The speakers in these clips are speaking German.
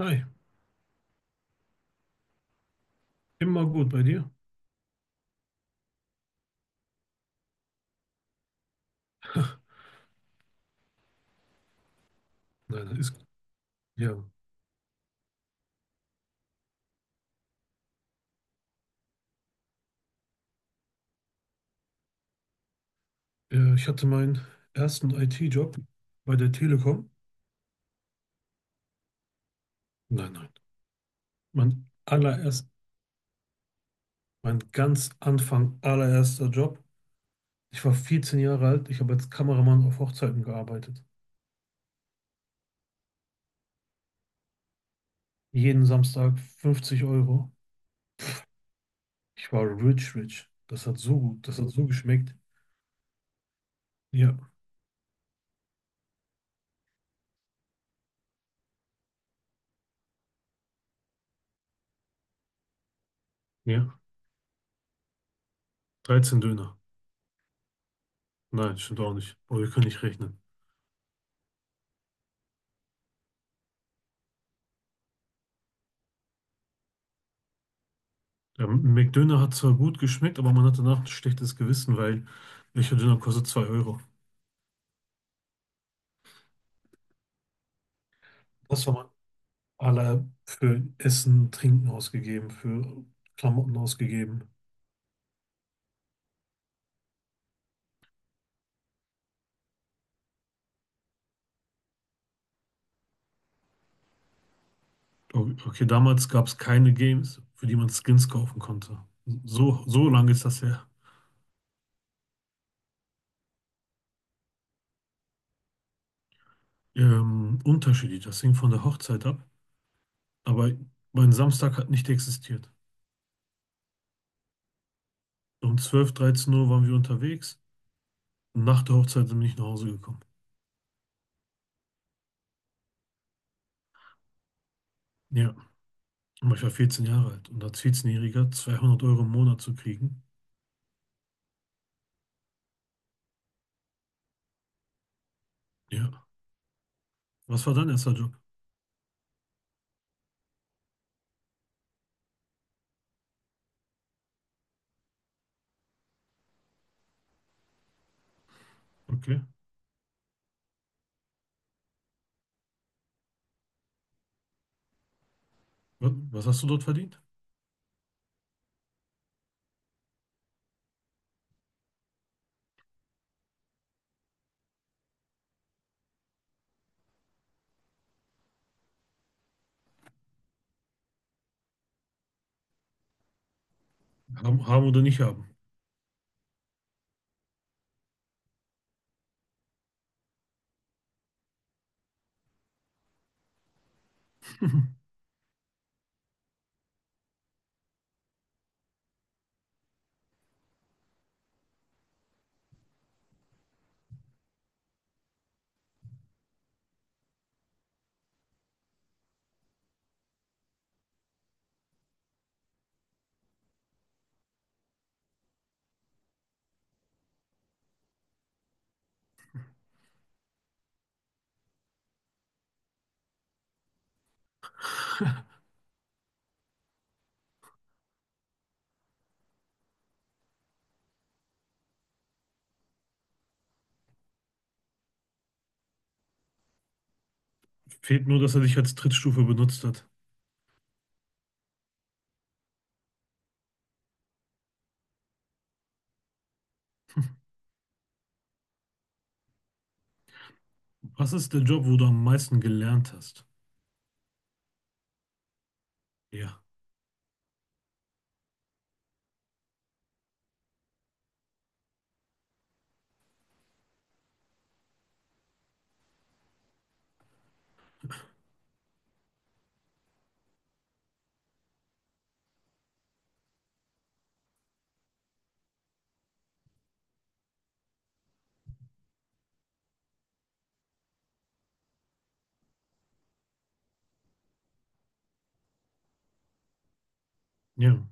Hi, immer gut bei dir? Nein, das ist ja. Ich hatte meinen ersten IT-Job bei der Telekom. Nein, nein. Mein allererst, Mein ganz Anfang allererster Job. Ich war 14 Jahre alt. Ich habe als Kameramann auf Hochzeiten gearbeitet. Jeden Samstag 50 Euro. Ich war rich, rich. Das hat so geschmeckt. Ja, ja. 13 Döner. Nein, stimmt auch nicht. Oh, wir können nicht rechnen. Der McDöner hat zwar gut geschmeckt, aber man hat danach ein schlechtes Gewissen, weil welcher Döner kostet 2 Euro? Das haben wir alle für Essen, Trinken ausgegeben, für Klamotten ausgegeben. Okay, damals gab es keine Games, für die man Skins kaufen konnte. So, so lange ist das her. Unterschiedlich, das hing von der Hochzeit ab. Aber mein Samstag hat nicht existiert. Um 12, 13 Uhr waren wir unterwegs. Nach der Hochzeit sind wir nicht nach Hause gekommen. Ja. Aber ich war 14 Jahre alt und als 14-Jähriger 200 Euro im Monat zu kriegen. Ja. Was war dein erster Job? Okay. Was hast du dort verdient? Haben, haben oder nicht haben? Fehlt nur, dass er dich als Trittstufe benutzt hat. Was ist der Job, wo du am meisten gelernt hast? Ja. Ja.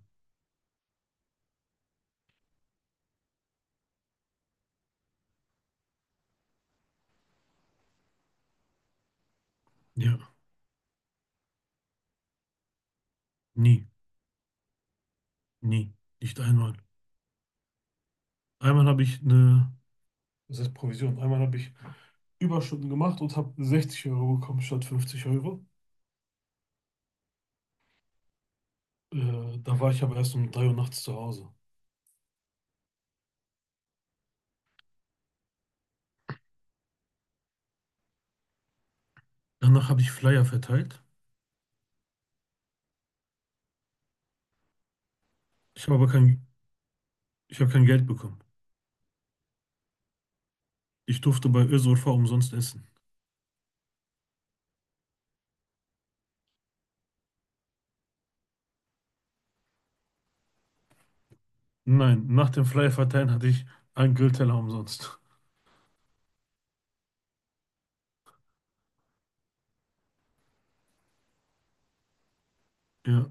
Ja. Nie. Nie. Nicht einmal. Einmal habe ich eine, das heißt Provision, einmal habe ich Überstunden gemacht und habe 60 Euro bekommen statt 50 Euro. Da war ich aber erst um 3 Uhr nachts zu Hause. Danach habe ich Flyer verteilt. Ich habe aber kein Ich habe kein Geld bekommen. Ich durfte bei Özurfa umsonst essen. Nein, nach dem Freie Verteilen hatte ich einen Grillteller umsonst. Ja,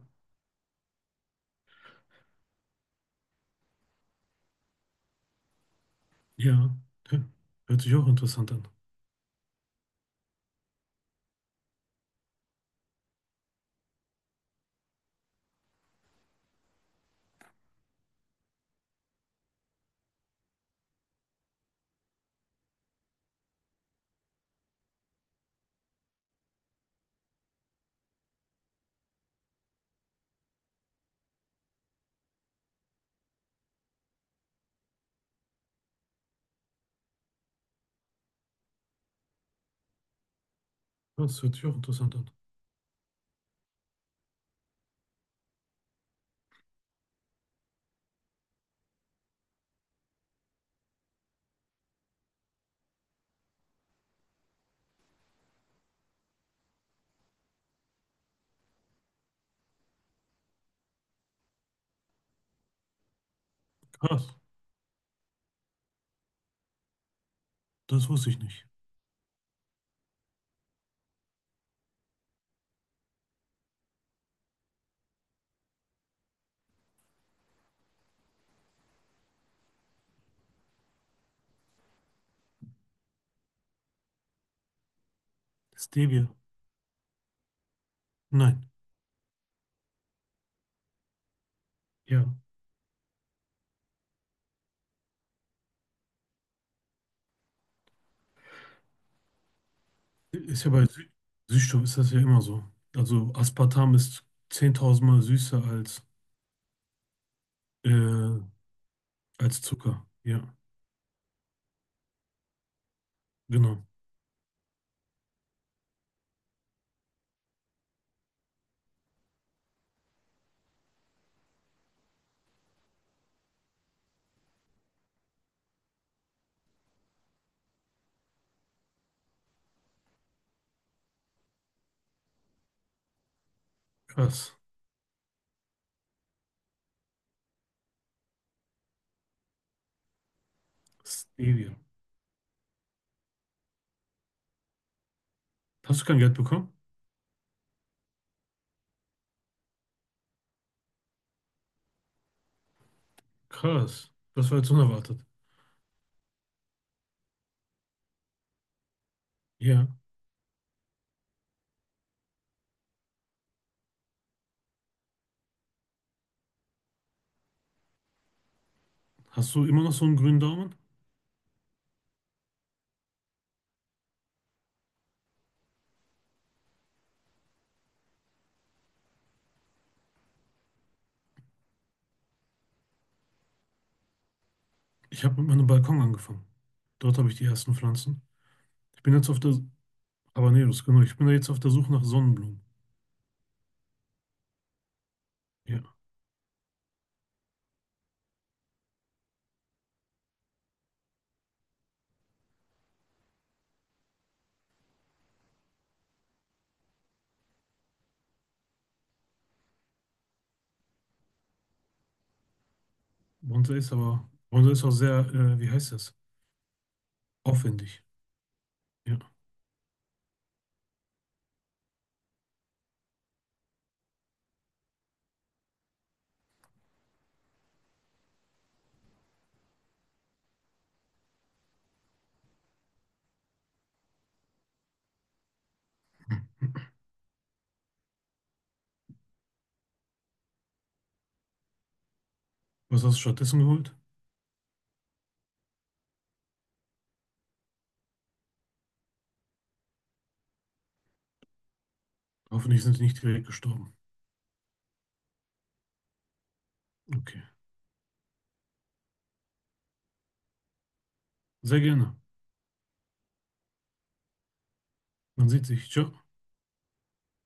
ja. Hä? Hört sich auch interessant an. Das hört sich auch interessant an. Krass, das wusste ich nicht. Stevia? Nein. Ja. Ist ja bei Sü Süßstoff ist das ja immer so. Also Aspartam ist 10.000 Mal süßer äh, als Zucker. Ja, genau. Krass. Stevia. Hast du kein Geld bekommen? Krass. Das war jetzt unerwartet. Ja. Hast du immer noch so einen grünen Daumen? Ich habe mit meinem Balkon angefangen. Dort habe ich die ersten Pflanzen. Ich bin jetzt auf der Habaneros, genau. Ich bin da jetzt auf der Suche nach Sonnenblumen. Ja, Bonsai ist auch sehr, wie heißt das? Aufwendig. Ja. Was hast du stattdessen geholt? Hoffentlich sind die nicht direkt gestorben. Okay. Sehr gerne. Man sieht sich. Ciao.